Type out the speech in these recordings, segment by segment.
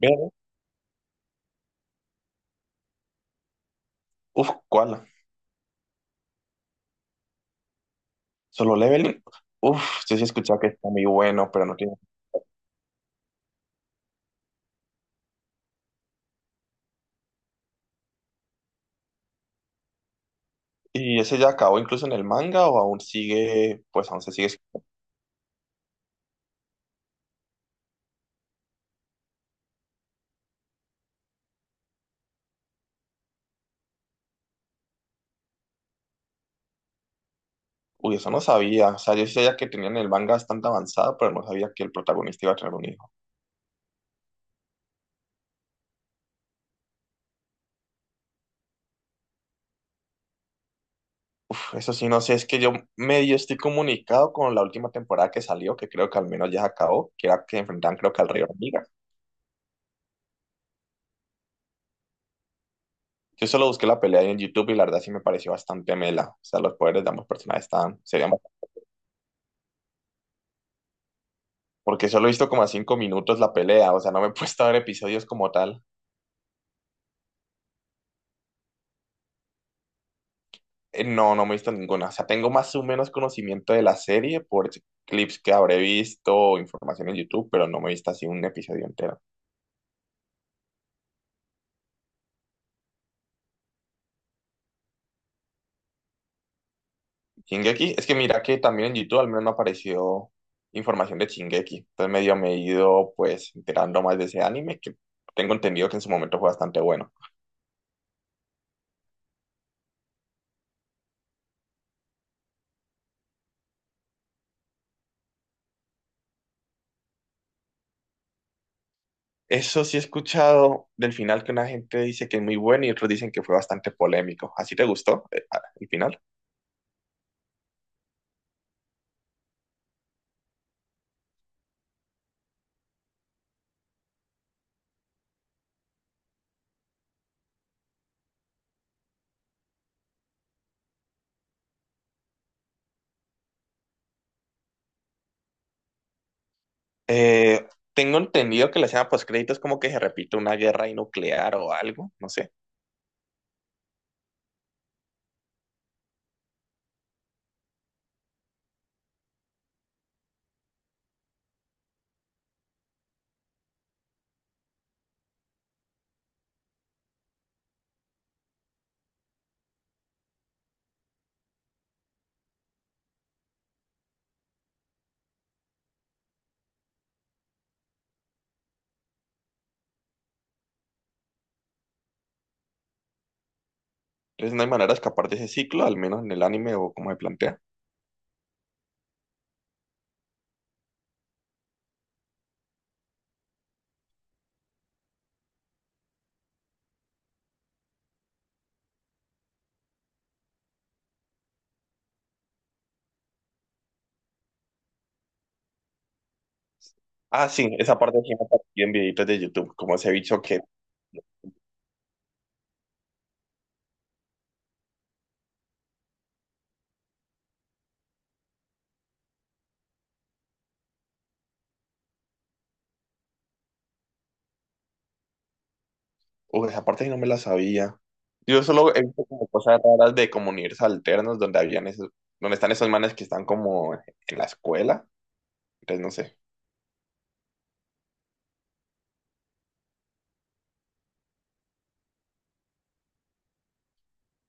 Ve- Uf, ¿cuál? Solo Leveling. Uf, sí, sí he escuchado que está muy bueno, pero no tiene. ¿Y ese ya acabó incluso en el manga o aún sigue? Pues aún se sigue. Uy, eso no sabía. O sea, yo sí sabía que tenían el manga bastante avanzado, pero no sabía que el protagonista iba a tener un hijo. Uf, eso sí, no sé, es que yo medio estoy comunicado con la última temporada que salió, que creo que al menos ya se acabó, que era que enfrentaban creo que al Rey Hormiga. Yo solo busqué la pelea ahí en YouTube y la verdad sí me pareció bastante mela. O sea, los poderes de ambos personajes estaban, serían porque solo he visto como a 5 minutos la pelea, o sea, no me he puesto a ver episodios como tal. No, no me he visto ninguna. O sea, tengo más o menos conocimiento de la serie por clips que habré visto o información en YouTube, pero no me he visto así un episodio entero. Shingeki, es que mira que también en YouTube al menos no apareció información de Shingeki. Entonces medio me he ido pues enterando más de ese anime que tengo entendido que en su momento fue bastante bueno. Eso sí he escuchado del final que una gente dice que es muy bueno y otros dicen que fue bastante polémico. ¿Así te gustó el final? Eh, tengo entendido que la escena postcrédito es como que se repite una guerra ahí nuclear o algo, no sé. Entonces no hay manera de escapar de ese ciclo, al menos en el anime o como se plantea. Ah, sí, esa parte sí me apareció en videitos de YouTube, como ese bicho que, uy, esa parte sí no me la sabía. Yo solo he visto como cosas raras de como universos alternos donde habían esos, donde están esos manes que están como en la escuela, entonces no sé.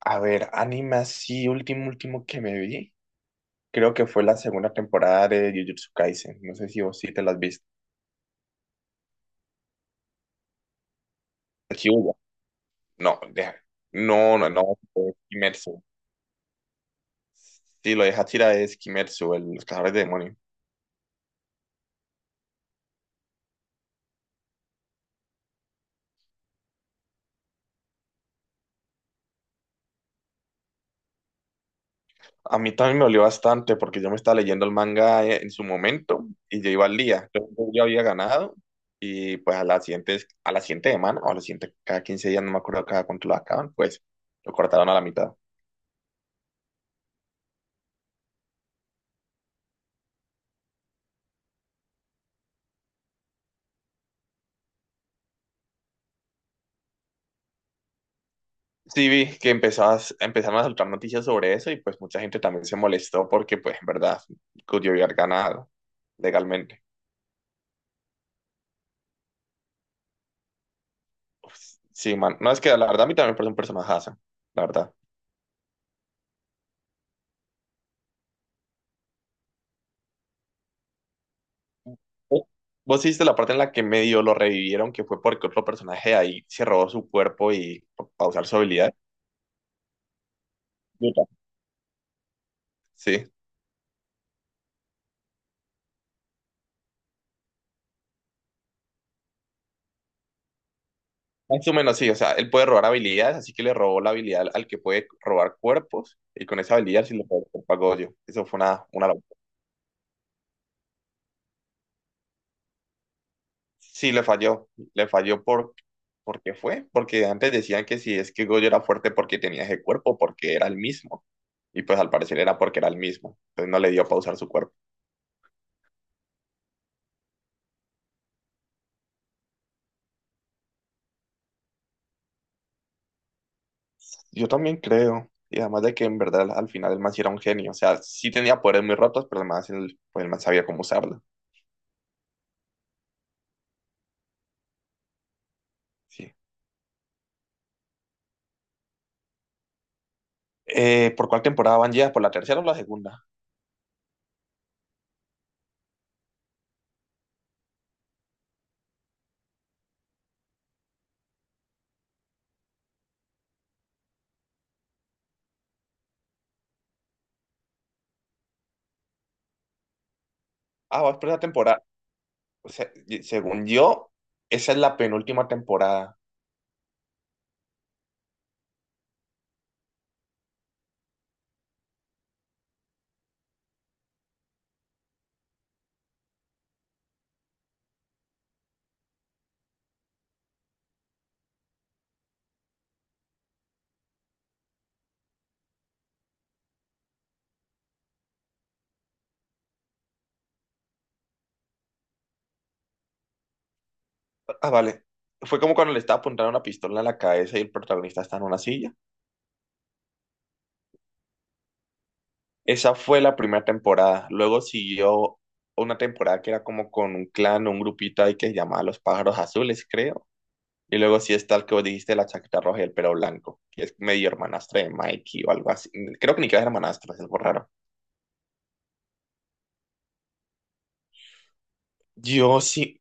A ver, anime así, último, último que me vi, creo que fue la segunda temporada de Jujutsu Kaisen, no sé si vos sí te las viste. Aquí hubo. No, deja. No, no, no. Es Kimetsu. Sí, lo de Hachira es Kimetsu, el, los cazadores de demonios. A mí también me dolió bastante porque yo me estaba leyendo el manga en su momento y yo iba al día. Yo ya había ganado y pues a la siguiente semana o a la siguiente, cada 15 días, no me acuerdo cada cuánto lo acaban, pues lo cortaron a la mitad. Sí, vi que empezabas, empezaron a soltar noticias sobre eso y pues mucha gente también se molestó porque pues en verdad, yo había ganado legalmente. Sí, man. No, es que la verdad a mí también me parece un personajazo, la verdad. Vos vos hiciste la parte en la que medio lo revivieron, que fue porque otro personaje ahí se robó su cuerpo y para usar su habilidad. Yuta. Sí. Más o menos sí, o sea, él puede robar habilidades, así que le robó la habilidad al que puede robar cuerpos, y con esa habilidad sí le robó el cuerpo a Goyo. Eso fue una locura. Sí, le falló. Le falló ¿por qué fue? Porque antes decían que si es que Goyo era fuerte porque tenía ese cuerpo, porque era el mismo. Y pues al parecer era porque era el mismo. Entonces no le dio para usar su cuerpo. Yo también creo. Y además de que en verdad al final el man sí era un genio. O sea, sí tenía poderes muy rotos, pero además el, man, sí- pues el man sabía cómo usarlo. Sí. ¿Por cuál temporada van ya? ¿Por la tercera o la segunda? Ah, vas por la temporada. O sea, según yo, esa es la penúltima temporada. Ah, vale. Fue como cuando le estaba apuntando una pistola a la cabeza y el protagonista está en una silla. Esa fue la primera temporada. Luego siguió una temporada que era como con un clan, un grupito ahí que se llamaba Los Pájaros Azules, creo. Y luego sí está el que vos dijiste, la chaqueta roja y el pelo blanco, que es medio hermanastra de Mikey o algo así. Creo que ni que era hermanastra, es algo raro. Yo sí,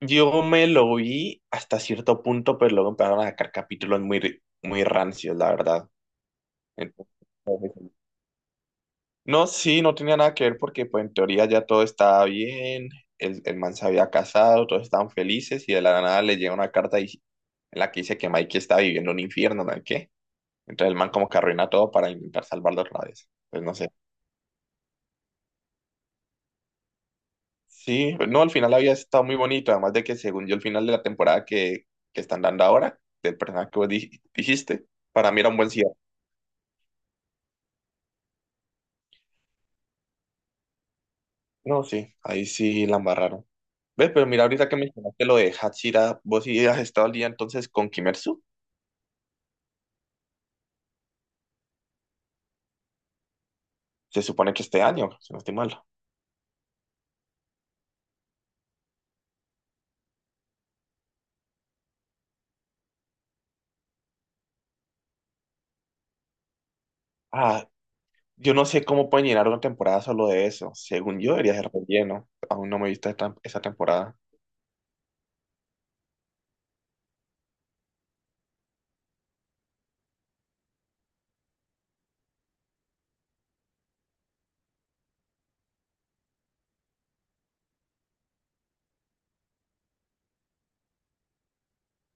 yo me lo vi hasta cierto punto, pero luego empezaron a sacar capítulos muy, muy rancios, la verdad. Entonces, no, sí, no tenía nada que ver porque pues en teoría ya todo estaba bien, el man se había casado, todos estaban felices y de la nada le llega una carta en la que dice que Mikey está viviendo un infierno, ¿no? ¿Qué? Entonces el man como que arruina todo para intentar salvarlo otra vez. Pues no sé. Sí, pues, no, al final había estado muy bonito, además de que según yo el final de la temporada que están dando ahora, del personaje que vos dijiste, para mí era un buen cierre. No, sí, ahí sí la embarraron. Ve, pero mira ahorita que mencionaste lo de Hachira, vos sí has estado al día entonces con Kimetsu. Se supone que este año, si no estoy mal. Ah, yo no sé cómo pueden llenar una temporada solo de eso. Según yo, debería ser relleno. Aún no me he visto esa temporada.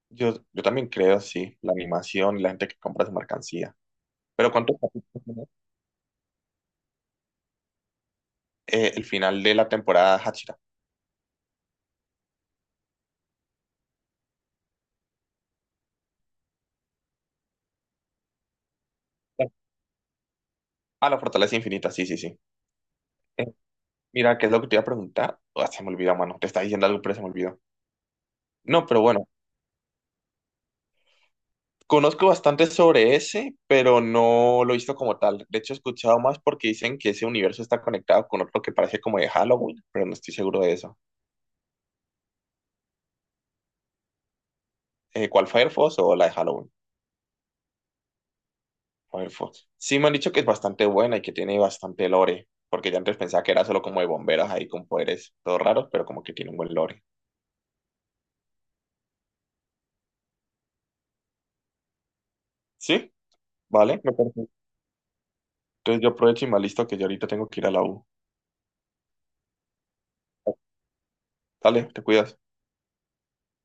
Yo también creo, sí, la animación y la gente que compra su mercancía. Pero ¿cuántos capítulos tiene? El final de la temporada Hachira. Ah, la fortaleza infinita, sí, sí, sí. Eh, mira, ¿qué es lo que te iba a preguntar? Ah, se me olvidó, mano. Te estaba diciendo algo, pero se me olvidó. No, pero bueno, conozco bastante sobre ese, pero no lo he visto como tal. De hecho, he escuchado más porque dicen que ese universo está conectado con otro que parece como de Halloween, pero no estoy seguro de eso. ¿Cuál, Firefox o la de Halloween? Firefox. Sí, me han dicho que es bastante buena y que tiene bastante lore, porque ya antes pensaba que era solo como de bomberos ahí con poderes todos raros, pero como que tiene un buen lore. Sí, vale, me parece. Entonces yo aprovecho y me listo que yo ahorita tengo que ir a la U. Dale, te cuidas.